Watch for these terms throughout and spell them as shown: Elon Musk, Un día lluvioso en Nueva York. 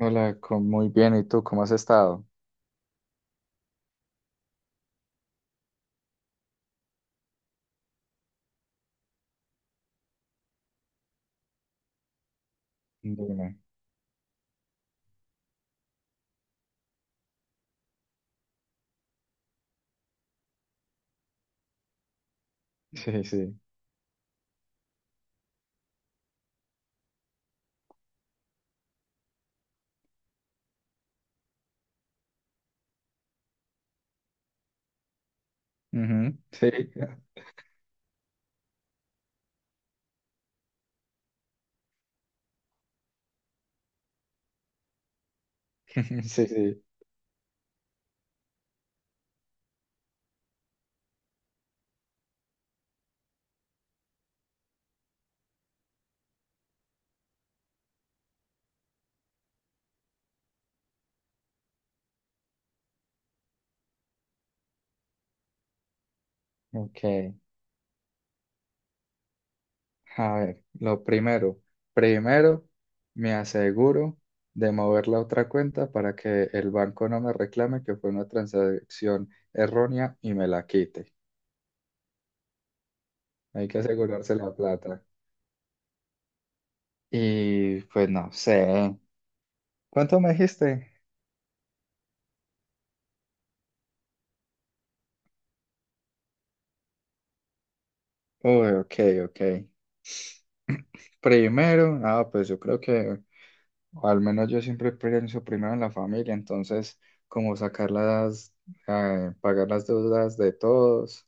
Hola, muy bien. ¿Y tú cómo has estado? Dime. Sí, sí. Ujú. Sí. Sí, sí. Ok. A ver, lo primero. Primero, me aseguro de mover la otra cuenta para que el banco no me reclame que fue una transacción errónea y me la quite. Hay que asegurarse la plata. Y pues no sé. ¿Cuánto me dijiste? Uy, ok, ok. Primero, pues yo creo que, o al menos yo siempre pienso primero en la familia, entonces como sacar pagar las deudas de todos,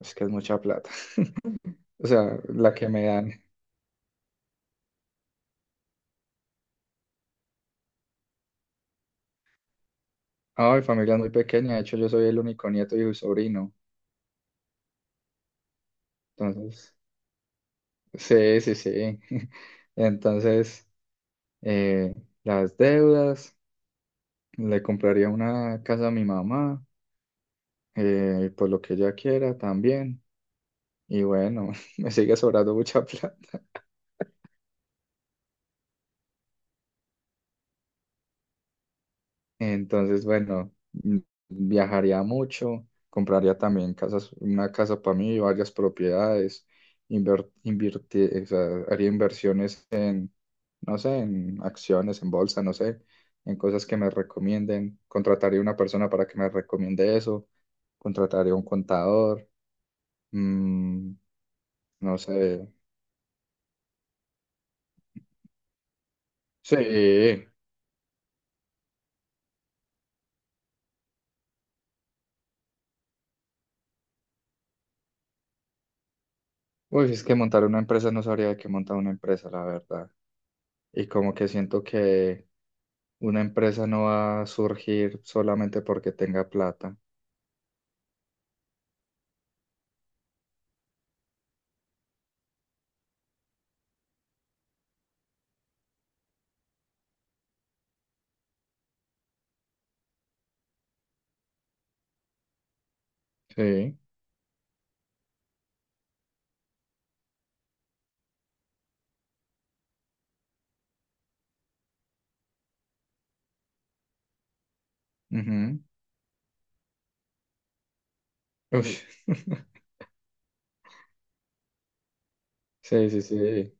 es que es mucha plata, o sea, la que me dan. Ah, mi familia es muy pequeña, de hecho yo soy el único nieto y sobrino, entonces, sí, sí, sí. Entonces, eh, las deudas, le compraría una casa a mi mamá, por lo que ella quiera también, y bueno, me sigue sobrando mucha plata. Entonces, bueno, mm, viajaría mucho, compraría también casas, una casa para mí, varias propiedades, o sea, haría inversiones en, no sé, en acciones, en bolsa, no sé, en cosas que me recomienden. Contrataría una persona para que me recomiende eso. Contrataría un contador, mm, no sé. Sí, uy, es que montar una empresa no sabría de qué montar una empresa, la verdad. Y como que siento que una empresa no va a surgir solamente porque tenga plata. Sí. Ujú. Uy. Sí, sí, sí,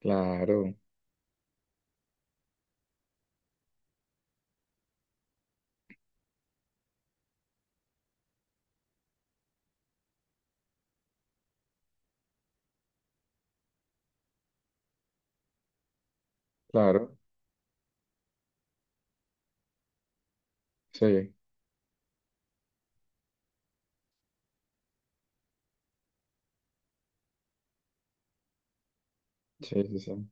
claro, claro. Sí, sí, sí, sí.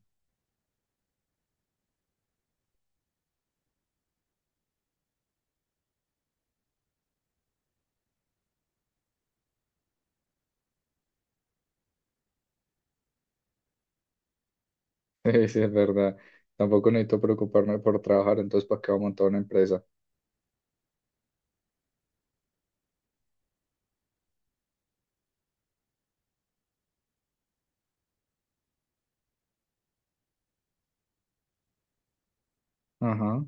Sí, sí, es verdad. Tampoco necesito preocuparme por trabajar, entonces ¿para qué voy a montar una empresa? Ajá.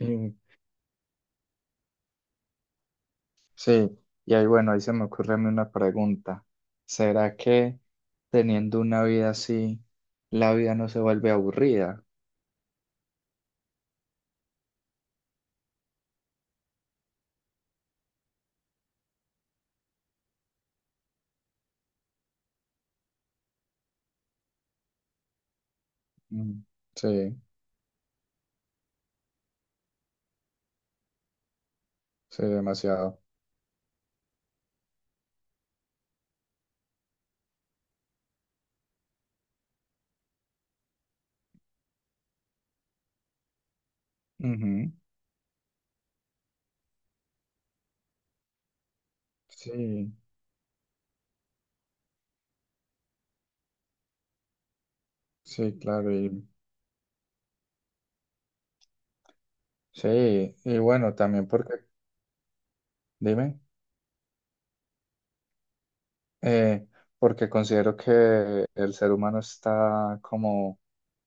Y- sí, y ahí bueno, ahí se me ocurre a mí una pregunta. ¿Será que teniendo una vida así, la vida no se vuelve aburrida? Mm. Sí, sí, demasiado. Ujú. Sí. Sí, claro, y sí, y bueno, también porque, dime, eh, porque considero que el ser humano está como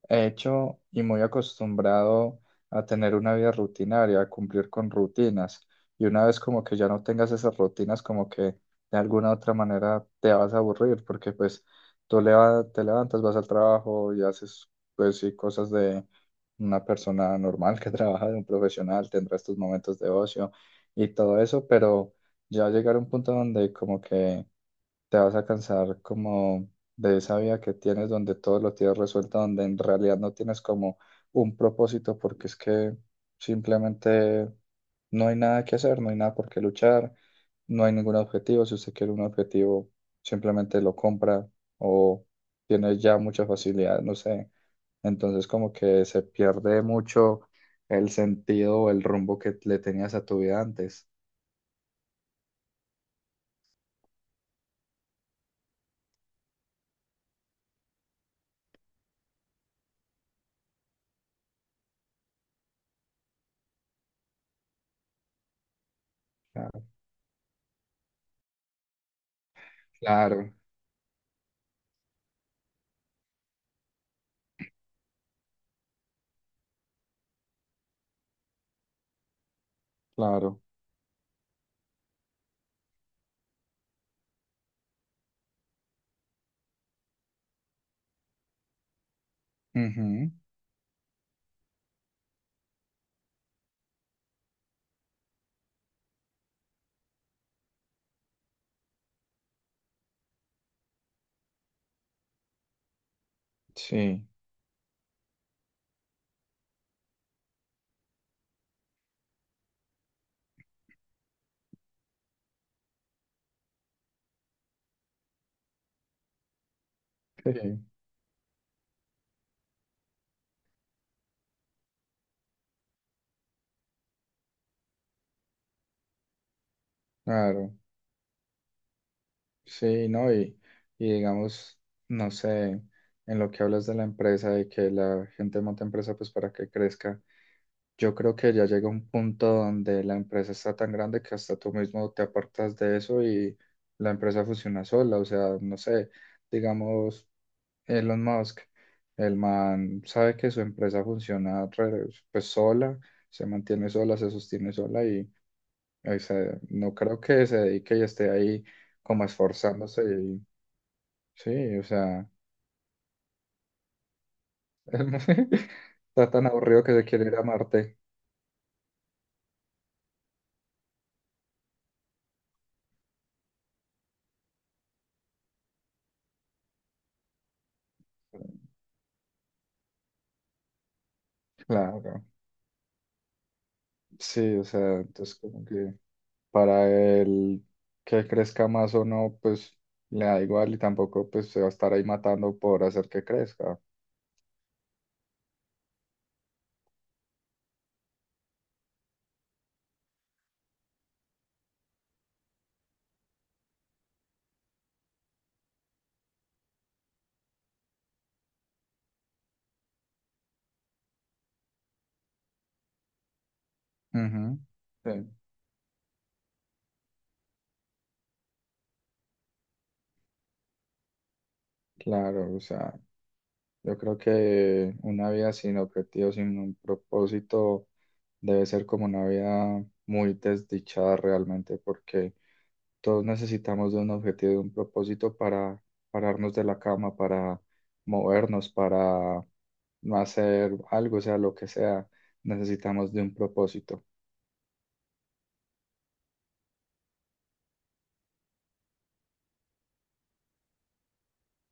hecho y muy acostumbrado a tener una vida rutinaria, a cumplir con rutinas. Y una vez como que ya no tengas esas rutinas, como que de alguna otra manera te vas a aburrir, porque pues te levantas, vas al trabajo y haces pues sí cosas de una persona normal que trabaja, de un profesional, tendrás tus momentos de ocio y todo eso, pero ya llegar a un punto donde como que te vas a cansar como de esa vida que tienes donde todo lo tienes resuelto, donde en realidad no tienes como un propósito porque es que simplemente no hay nada que hacer, no hay nada por qué luchar, no hay ningún objetivo. Si usted quiere un objetivo, simplemente lo compra o tiene ya mucha facilidad, no sé. Entonces como que se pierde mucho el sentido o el rumbo que le tenías a tu vida antes. Ah. Claro, claro. Ujú. Sí. Sí, claro, sí, ¿no? Y digamos, no sé, en lo que hablas de la empresa, de que la gente monta empresa pues para que crezca, yo creo que ya llega un punto donde la empresa está tan grande que hasta tú mismo te apartas de eso y la empresa funciona sola, o sea, no sé, digamos, Elon Musk, el man sabe que su empresa funciona pues sola, se mantiene sola, se sostiene sola. O sea, no creo que se dedique y esté ahí como esforzándose y sí, o sea, está tan aburrido que se quiere ir a Marte. Claro, sí, o sea, entonces como que para él que crezca más o no, pues le da igual y tampoco pues se va a estar ahí matando por hacer que crezca. Ujú. Sí, claro, o sea. Yo creo que una vida sin objetivos, sin un propósito, debe ser como una vida muy desdichada realmente, porque todos necesitamos de un objetivo, de un propósito para pararnos de la cama, para movernos, para no hacer algo, o sea lo que sea, necesitamos de un propósito.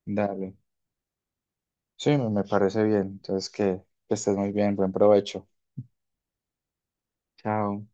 Dale. Sí, me parece bien. Entonces, que estés muy bien, buen provecho. Chao.